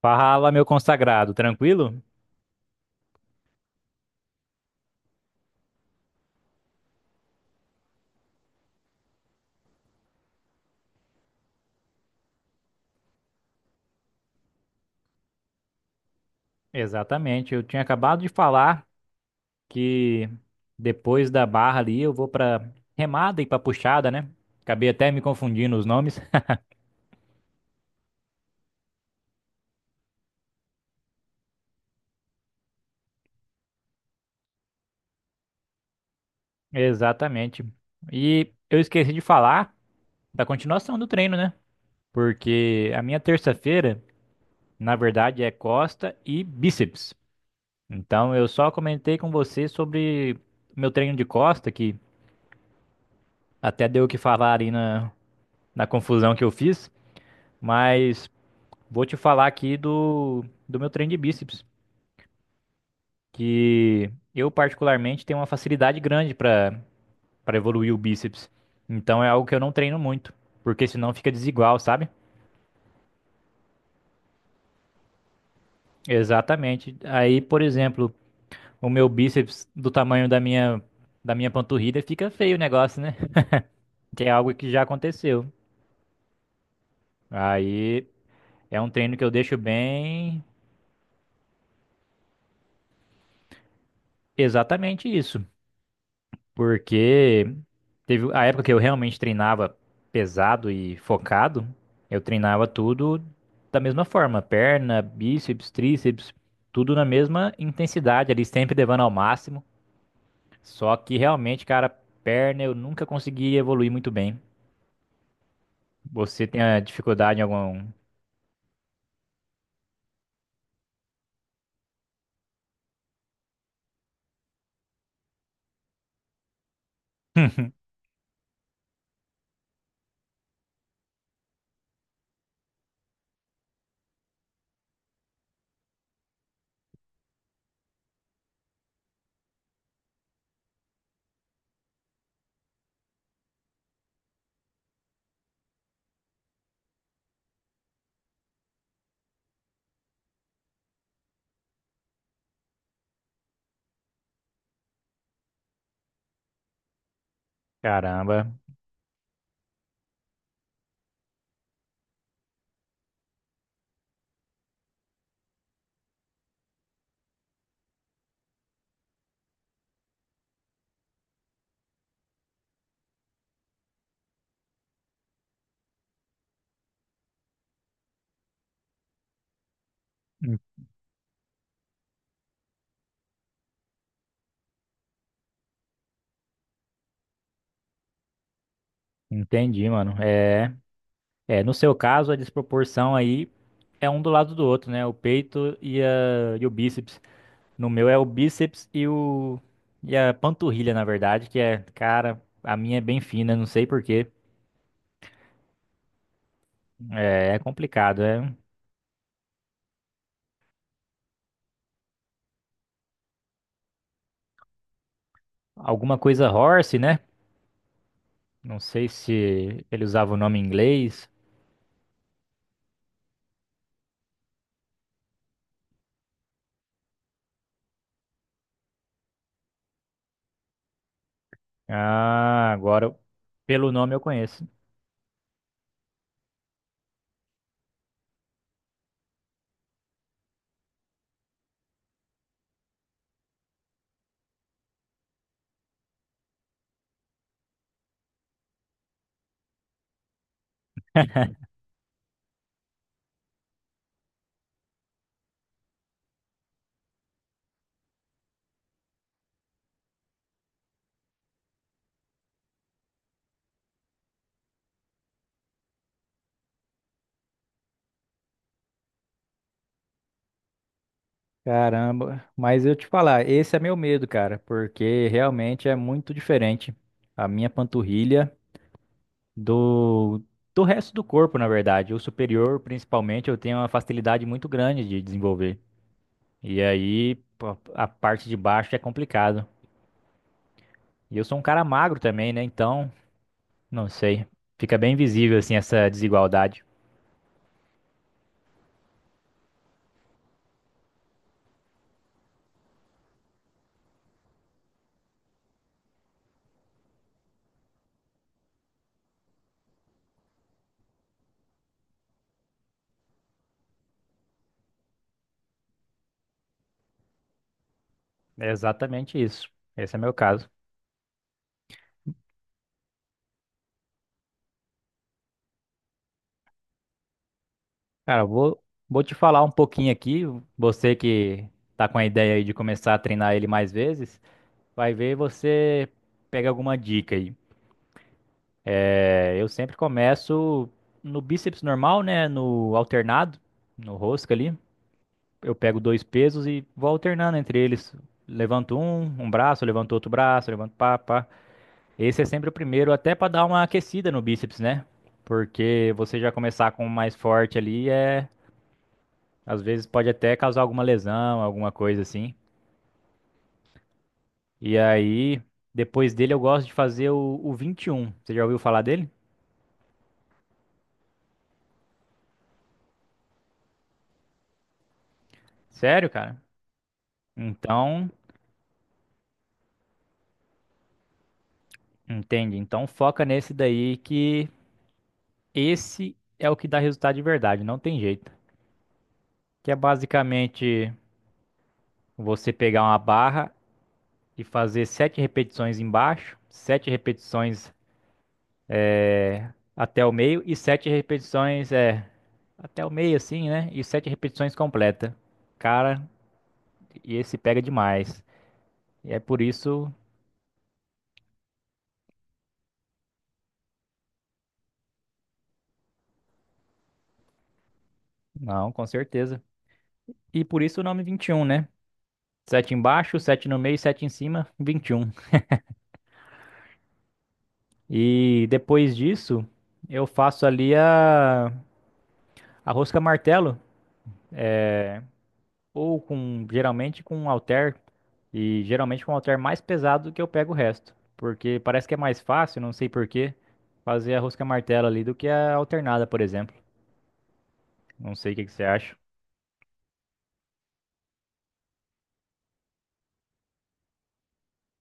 Fala, meu consagrado, tranquilo? Exatamente, eu tinha acabado de falar que depois da barra ali eu vou pra remada e pra puxada, né? Acabei até me confundindo os nomes. Exatamente. E eu esqueci de falar da continuação do treino, né? Porque a minha terça-feira, na verdade, é costa e bíceps. Então eu só comentei com você sobre meu treino de costa, que até deu o que falar ali na confusão que eu fiz. Mas vou te falar aqui do meu treino de bíceps, que eu particularmente tenho uma facilidade grande para evoluir o bíceps. Então é algo que eu não treino muito, porque senão fica desigual, sabe? Exatamente. Aí, por exemplo, o meu bíceps do tamanho da minha panturrilha fica feio o negócio, né? Que é algo que já aconteceu. Aí é um treino que eu deixo bem, exatamente isso. Porque teve a época que eu realmente treinava pesado e focado, eu treinava tudo da mesma forma, perna, bíceps, tríceps, tudo na mesma intensidade ali, sempre levando ao máximo. Só que realmente, cara, perna eu nunca consegui evoluir muito bem. Você tem a dificuldade em algum... Caramba, en- entendi, mano. É, no seu caso, a desproporção aí é um do lado do outro, né? O peito e o bíceps. No meu é o bíceps e o e a panturrilha, na verdade, que é, cara, a minha é bem fina, não sei por quê. É, é complicado, é alguma coisa horse, né? Não sei se ele usava o nome em inglês. Ah, agora pelo nome eu conheço. Caramba, mas eu te falar, esse é meu medo, cara, porque realmente é muito diferente. A minha panturrilha. do, do resto do corpo, na verdade. O superior, principalmente, eu tenho uma facilidade muito grande de desenvolver. E aí, pô, a parte de baixo é complicado. E eu sou um cara magro também, né? Então, não sei. Fica bem visível, assim, essa desigualdade. É exatamente isso. Esse é meu caso. Cara, vou te falar um pouquinho aqui. Você que tá com a ideia aí de começar a treinar ele mais vezes, vai ver você pega alguma dica aí. É, eu sempre começo no bíceps normal, né? No alternado, no rosca ali. Eu pego dois pesos e vou alternando entre eles. Levanto um, um braço, levanto outro braço, levanto pá, pá. Esse é sempre o primeiro, até para dar uma aquecida no bíceps, né? Porque você já começar com o mais forte ali é, às vezes pode até causar alguma lesão, alguma coisa assim. E aí, depois dele eu gosto de fazer o 21. Você já ouviu falar dele? Sério, cara? Então, entende? Então foca nesse daí que esse é o que dá resultado de verdade, não tem jeito. Que é basicamente você pegar uma barra e fazer sete repetições embaixo, sete repetições até o meio e sete repetições até o meio assim, né? E sete repetições completa. Cara, e esse pega demais. E é por isso, não, com certeza. E por isso o nome 21, né? Sete embaixo, sete no meio, sete em cima, 21. E depois disso, eu faço ali a rosca martelo, é, ou com geralmente com um halter, e geralmente com um halter mais pesado que eu pego o resto, porque parece que é mais fácil, não sei por quê, fazer a rosca martelo ali do que a alternada, por exemplo. Não sei o que que você acha.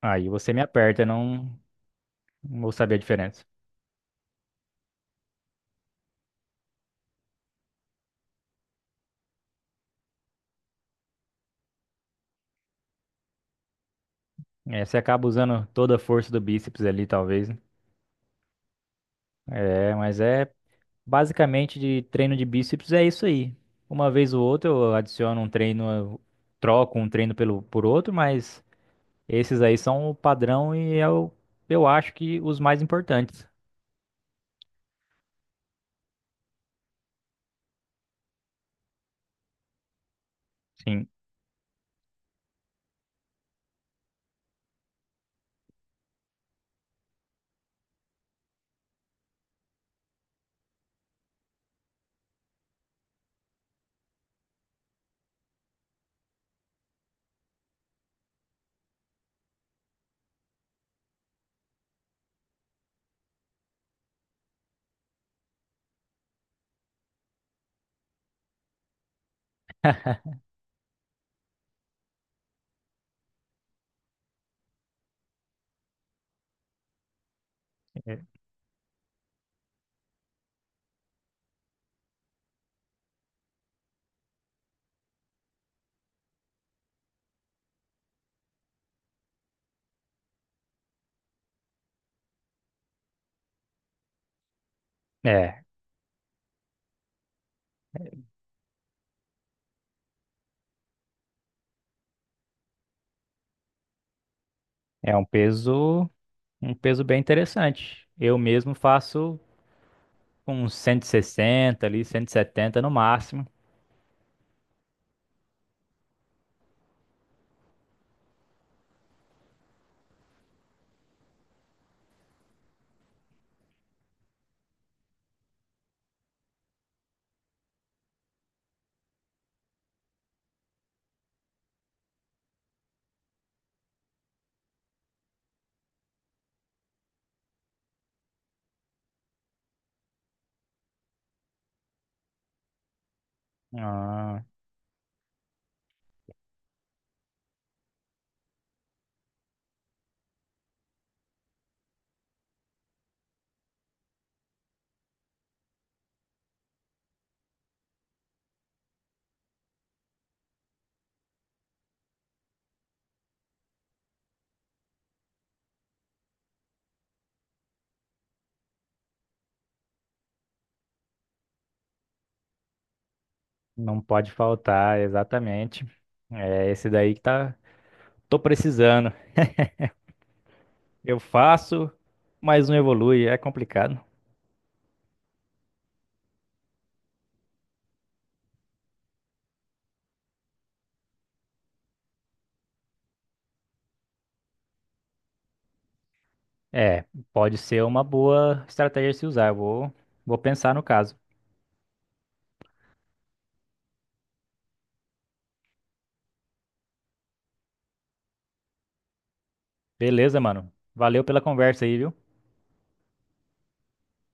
Aí você me aperta, não, não vou saber a diferença. É, você acaba usando toda a força do bíceps ali, talvez. Né? É, mas é Basicamente, de treino de bíceps é isso aí. Uma vez ou outra eu adiciono um treino, eu troco um treino pelo, por outro, mas esses aí são o padrão eu acho que os mais importantes. Sim. É, é um peso bem interessante. Eu mesmo faço uns 160 ali, 170 no máximo. Ah, não pode faltar, exatamente. É esse daí que tá, tô precisando. Eu faço, mas não evolui, é complicado. É, pode ser uma boa estratégia se usar. Vou pensar no caso. Beleza, mano. Valeu pela conversa aí, viu?